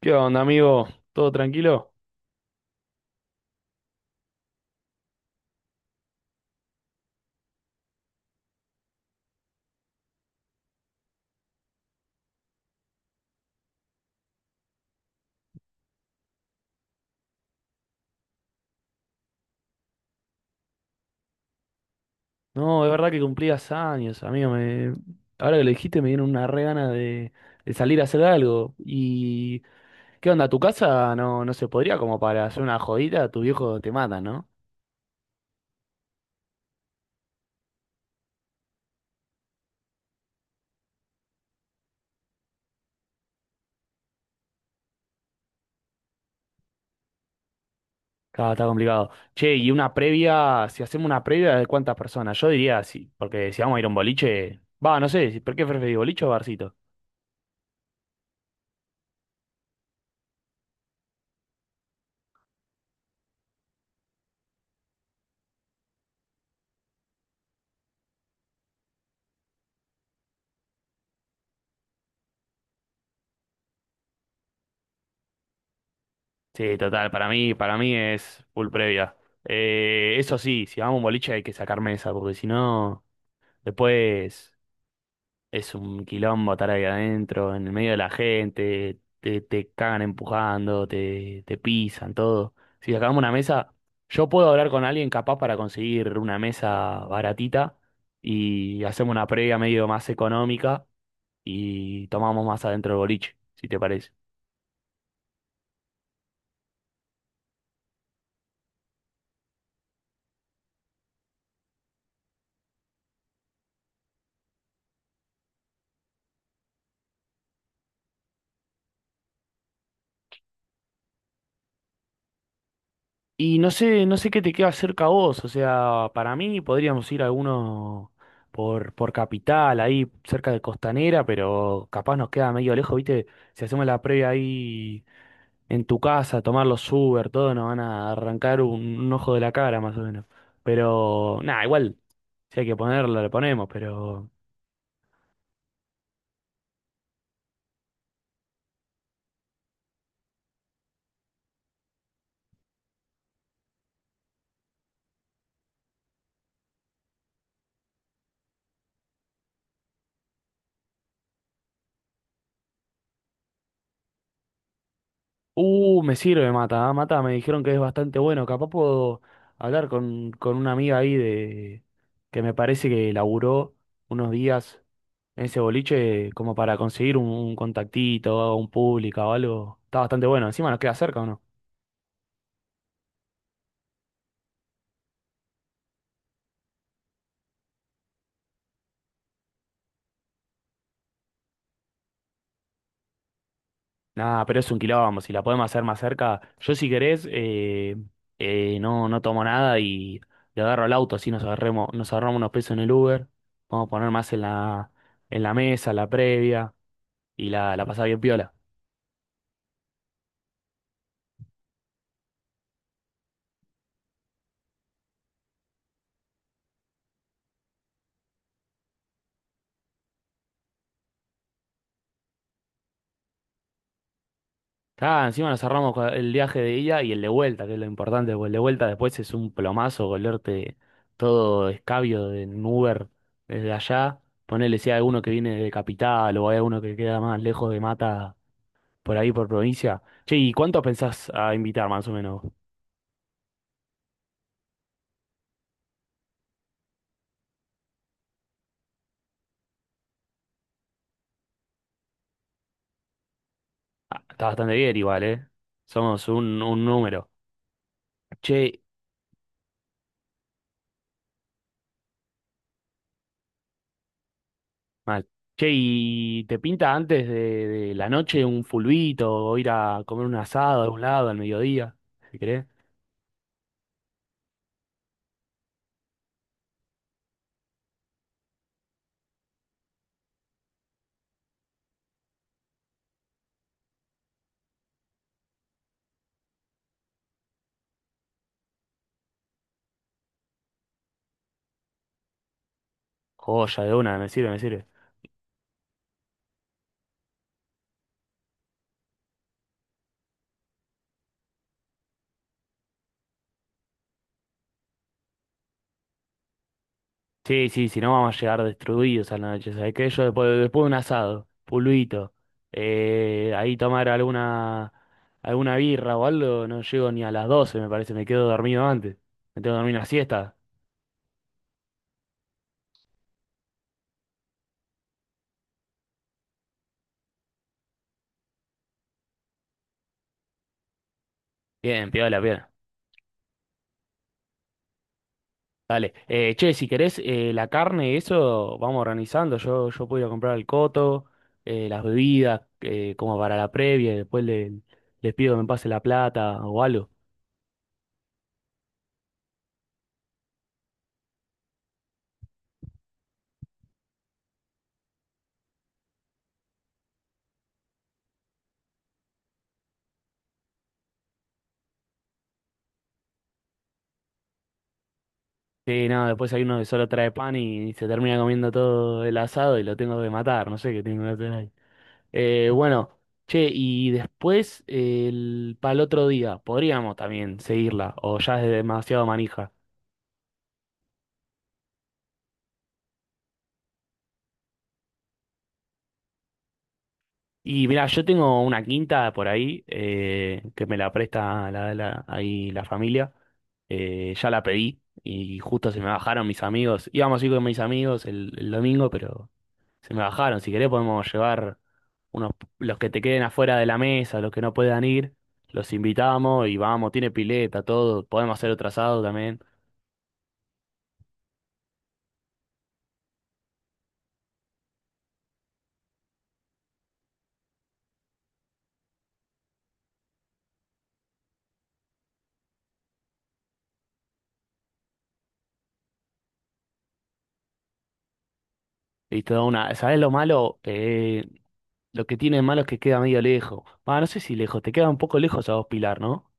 ¿Qué onda, amigo? ¿Todo tranquilo? No, es verdad que cumplías años, amigo. Me... Ahora que lo dijiste, me dieron una re gana de, salir a hacer algo. ¿Y qué onda? Tu casa no se podría como para hacer una jodita? Tu viejo te mata, ¿no? Claro, está complicado. Che, y una previa, si hacemos una previa, ¿de cuántas personas? Yo diría sí, porque si vamos a ir a un boliche, va, no sé, ¿por qué preferís boliche o barcito? Sí, total, para mí es full previa. Eso sí, si vamos a un boliche hay que sacar mesa, porque si no... Después es un quilombo estar ahí adentro, en el medio de la gente, te cagan empujando, te pisan, todo. Si sacamos una mesa, yo puedo hablar con alguien capaz para conseguir una mesa baratita y hacemos una previa medio más económica y tomamos más adentro del boliche, si te parece. Y no sé, no sé qué te queda cerca a vos, o sea, para mí podríamos ir a alguno por Capital, ahí cerca de Costanera, pero capaz nos queda medio lejos, ¿viste? Si hacemos la previa ahí en tu casa, tomar los Uber, todo, nos van a arrancar un ojo de la cara más o menos. Pero, nada, igual, si hay que ponerlo, le ponemos, pero uh, me sirve Mata. Ah, Mata me dijeron que es bastante bueno. Capaz puedo hablar con una amiga ahí de que me parece que laburó unos días en ese boliche como para conseguir un contactito, un público o algo. Está bastante bueno. Encima nos queda cerca o no. Nada, pero es un quilombo. Si la podemos hacer más cerca, yo si querés, no, tomo nada y le agarro al auto, así nos agarremos, nos ahorramos unos pesos en el Uber. Vamos a poner más en la, mesa, la previa y la, pasada bien piola. Ah, encima nos cerramos con el viaje de ida y el de vuelta, que es lo importante, porque el de vuelta después es un plomazo volverte todo escabio de en Uber desde allá. Ponele si hay alguno que viene de Capital o hay alguno que queda más lejos de Mata por ahí por provincia. Che, ¿y cuántos pensás a invitar más o menos? Ah, está bastante bien igual, ¿eh? Somos un número. Che, mal. Che, ¿y te pinta antes de, la noche un fulbito o ir a comer un asado a un lado al mediodía, si querés? Joya de una, me sirve, me sirve. Sí, sí, si no vamos a llegar destruidos a la noche, ¿sabes qué? Yo después, después de un asado, pulvito, ahí tomar alguna, birra o algo, no llego ni a las 12 me parece, me quedo dormido antes. Me tengo que dormir una siesta. Bien, piola, piola. Dale. Che, si querés, la carne y eso, vamos organizando. Yo puedo ir a comprar el coto, las bebidas, como para la previa, y después les pido que me pase la plata o algo. Sí, no, después hay uno que solo trae pan y se termina comiendo todo el asado y lo tengo que matar, no sé qué tengo que hacer ahí. Eh, bueno, che, y después para el otro día, podríamos también seguirla, o ya es demasiado manija. Y mira, yo tengo una quinta por ahí, que me la presta ahí la familia, ya la pedí y justo se me bajaron mis amigos, íbamos a ir con mis amigos el domingo, pero se me bajaron, si querés podemos llevar... unos, los que te queden afuera de la mesa, los que no puedan ir, los invitamos y vamos, tiene pileta, todo, podemos hacer otro asado también. Y toda una, ¿sabes lo malo? Lo que tiene de malo es que queda medio lejos. Ah, no sé si lejos, te queda un poco lejos a vos, Pilar, ¿no?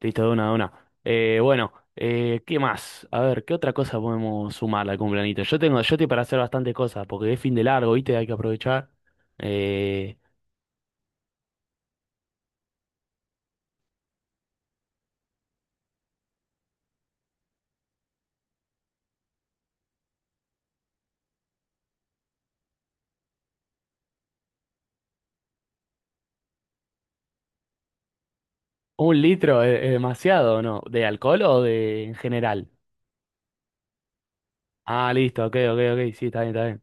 Listo, de una, de una. Bueno, ¿Qué más? A ver, ¿qué otra cosa podemos sumar al cumpleaños? Yo tengo, yo estoy para hacer bastantes cosas, porque es fin de largo, ¿viste? Hay que aprovechar. Eh, ¿Un litro es demasiado, no? ¿De alcohol o de en general? Ah, listo, ok, ok, ok, sí, está bien, está bien.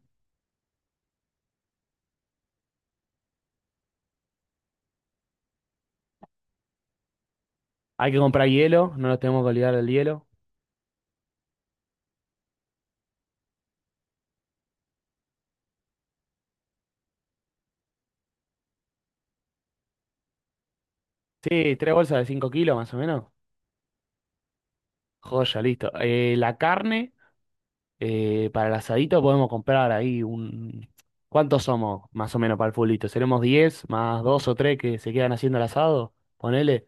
Hay que comprar hielo, no nos tenemos que olvidar del hielo. Sí, tres bolsas de 5 kilos más o menos. Joya, listo. La carne, para el asadito podemos comprar ahí un... ¿Cuántos somos más o menos para el fulito? ¿Seremos 10 más dos o tres que se quedan haciendo el asado? Ponele.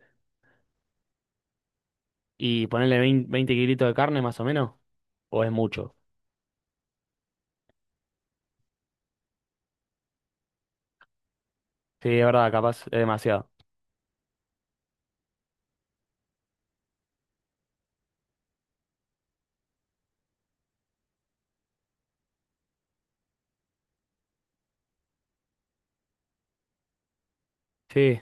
Y ponele 20 20 kilitos de carne más o menos. ¿O es mucho? Sí, es verdad, capaz es demasiado. Sí,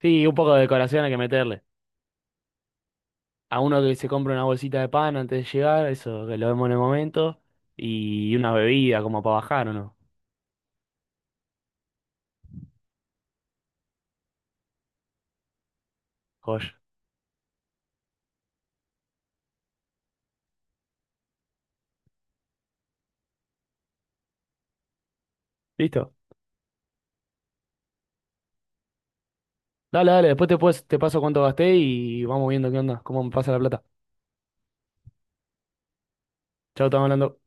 sí, un poco de decoración hay que meterle. A uno que se compra una bolsita de pan antes de llegar, eso que lo vemos en el momento, y una bebida como para bajar o no. Joya. ¿Listo? Dale, dale, después te paso cuánto gasté y vamos viendo qué onda, cómo me pasa la plata. Chao, estamos hablando.